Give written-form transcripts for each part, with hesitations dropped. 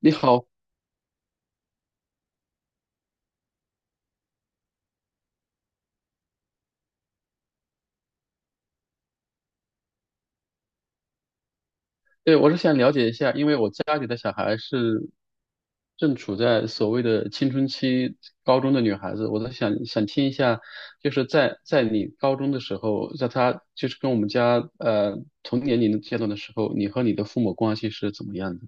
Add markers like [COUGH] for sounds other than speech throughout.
你好。对，我是想了解一下，因为我家里的小孩是正处在所谓的青春期，高中的女孩子，我在想听一下，就是在你高中的时候，在她就是跟我们家同年龄阶段的时候，你和你的父母关系是怎么样的？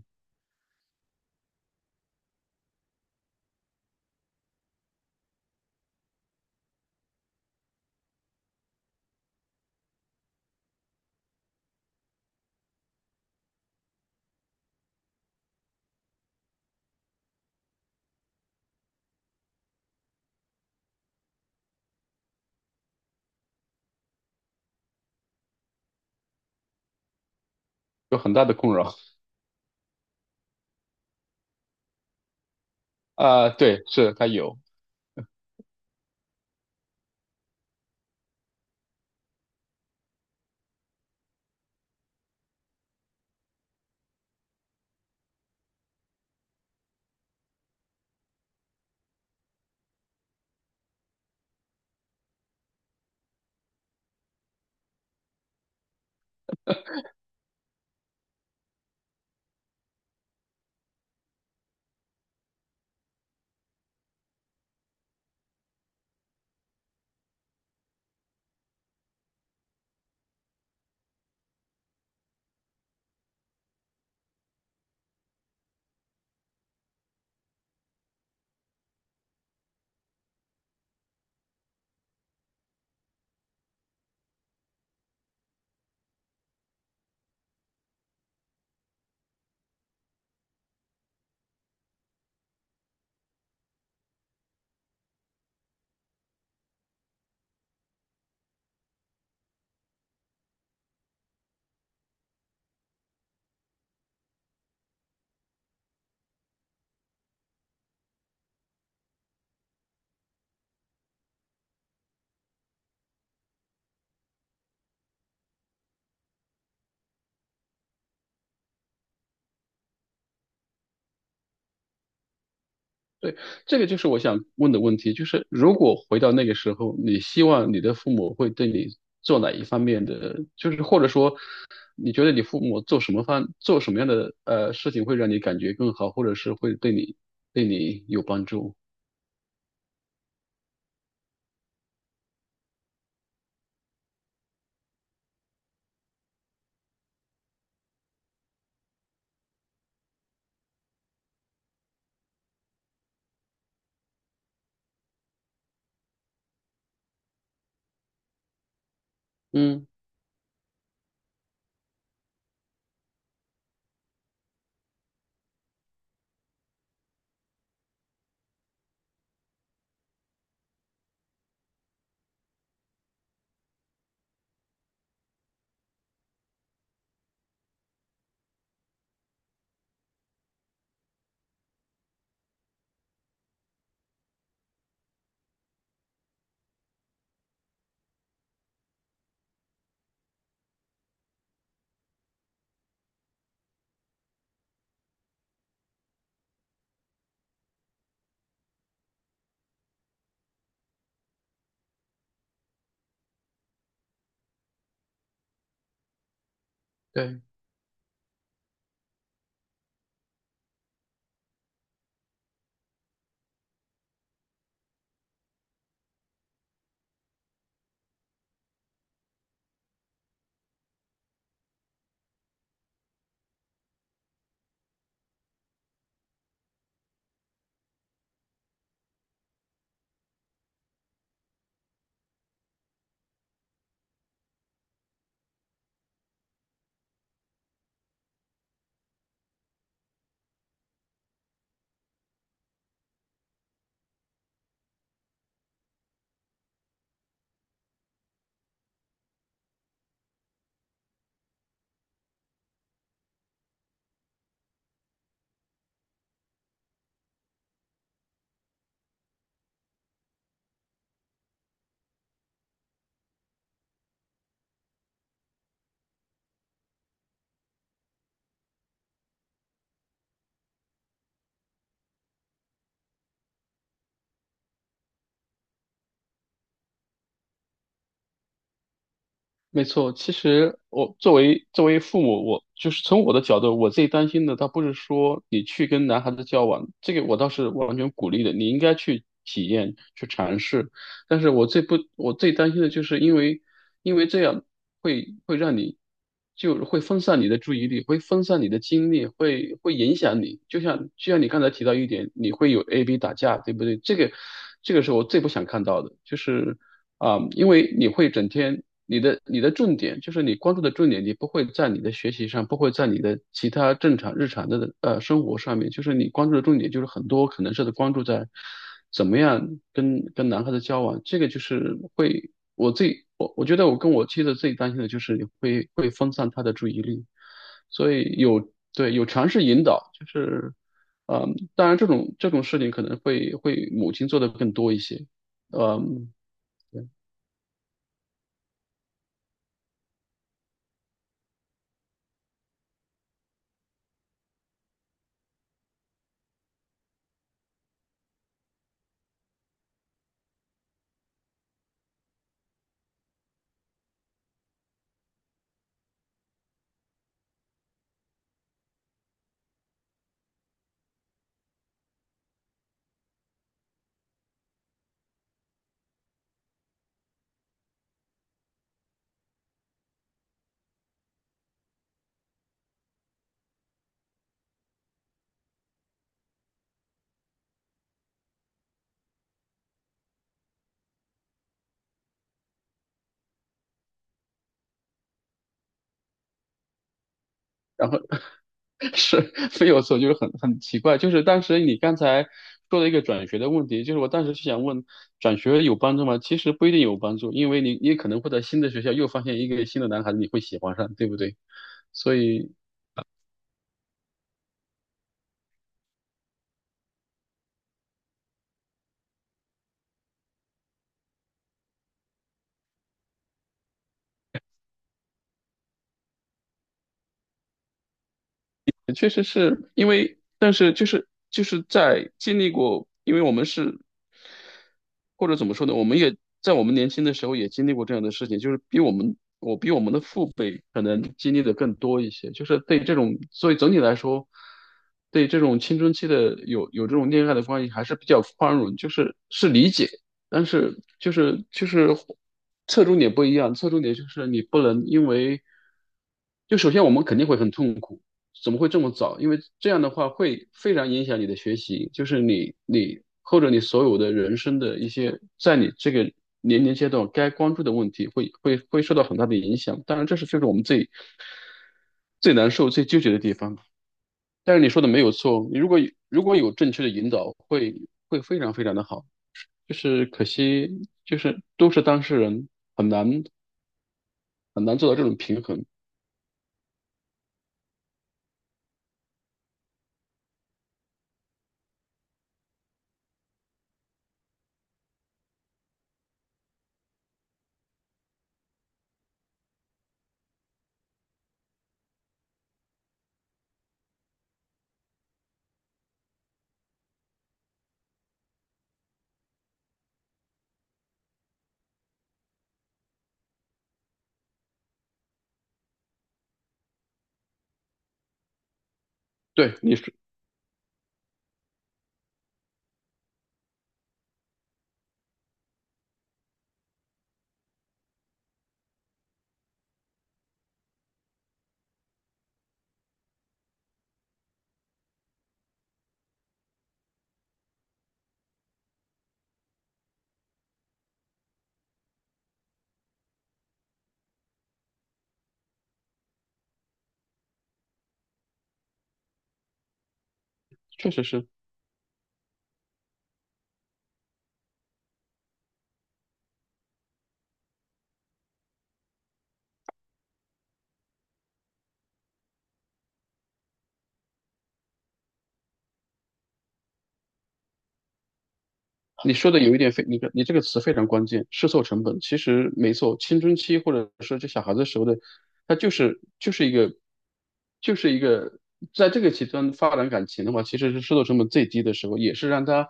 有很大的困扰。啊，对，是她有。[LAUGHS] 对，这个就是我想问的问题，就是如果回到那个时候，你希望你的父母会对你做哪一方面的，就是或者说你觉得你父母做什么样的事情会让你感觉更好，或者是会对你对你有帮助？嗯，对。没错，其实我作为作为父母，我就是从我的角度，我最担心的，倒不是说你去跟男孩子交往，这个我倒是完全鼓励的，你应该去体验、去尝试。但是我最不，我最担心的就是因为，因为这样会会让你，就会分散你的注意力，会分散你的精力，会会影响你。就像就像你刚才提到一点，你会有 A B 打架，对不对？这个这个是我最不想看到的，就是。啊，因为你会整天，你的你的重点就是你关注的重点，你不会在你的学习上，不会在你的其他正常日常的生活上面，就是你关注的重点就是很多可能是关注在怎么样跟跟男孩子交往，这个就是会我自己我我觉得我跟我妻子最担心的就是你会会分散她的注意力，所以有尝试引导，就是当然这种这种事情可能会会母亲做的更多一些，嗯。然后 [LAUGHS] 是非有错，就是很很奇怪，就是当时你刚才说了一个转学的问题，就是我当时是想问，转学有帮助吗？其实不一定有帮助，因为你你可能会在新的学校又发现一个新的男孩子，你会喜欢上，对不对？所以确实是因为，但是就是在经历过，因为我们是或者怎么说呢，我们也在我们年轻的时候也经历过这样的事情，就是比我们我比我们的父辈可能经历的更多一些，就是对这种，所以总体来说，对这种青春期的有有这种恋爱的关系还是比较宽容，就是是理解，但是就是侧重点不一样，侧重点就是你不能因为。就首先我们肯定会很痛苦，怎么会这么早？因为这样的话会非常影响你的学习，就是你你或者你所有的人生的一些，在你这个年龄阶段该关注的问题会，会会受到很大的影响。当然，这是就是我们最最难受、最纠结的地方。但是你说的没有错，你如果如果有正确的引导，会会非常非常的好。就是可惜，就是都是当事人，很难很难做到这种平衡。对，你说确实是。你说的有一点非，你看你这个词非常关键，试错成本。其实没错，青春期或者说这小孩子时候的，他就是一个就是一个在这个极端发展感情的话，其实是试错成本最低的时候，也是让他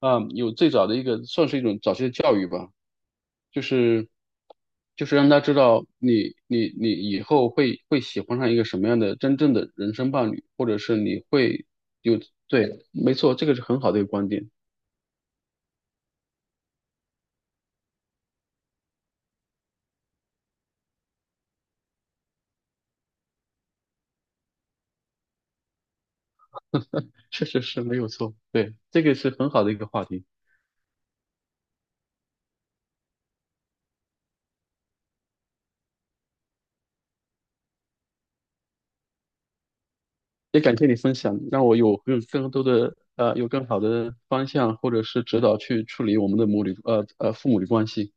有最早的一个算是一种早期的教育吧，就是就是让他知道你你你以后会会喜欢上一个什么样的真正的人生伴侣，或者是你会对，没错，这个是很好的一个观点。确实是没有错，对，这个是很好的一个话题，也感谢你分享，让我有更更多的有更好的方向或者是指导去处理我们的母女父母的关系。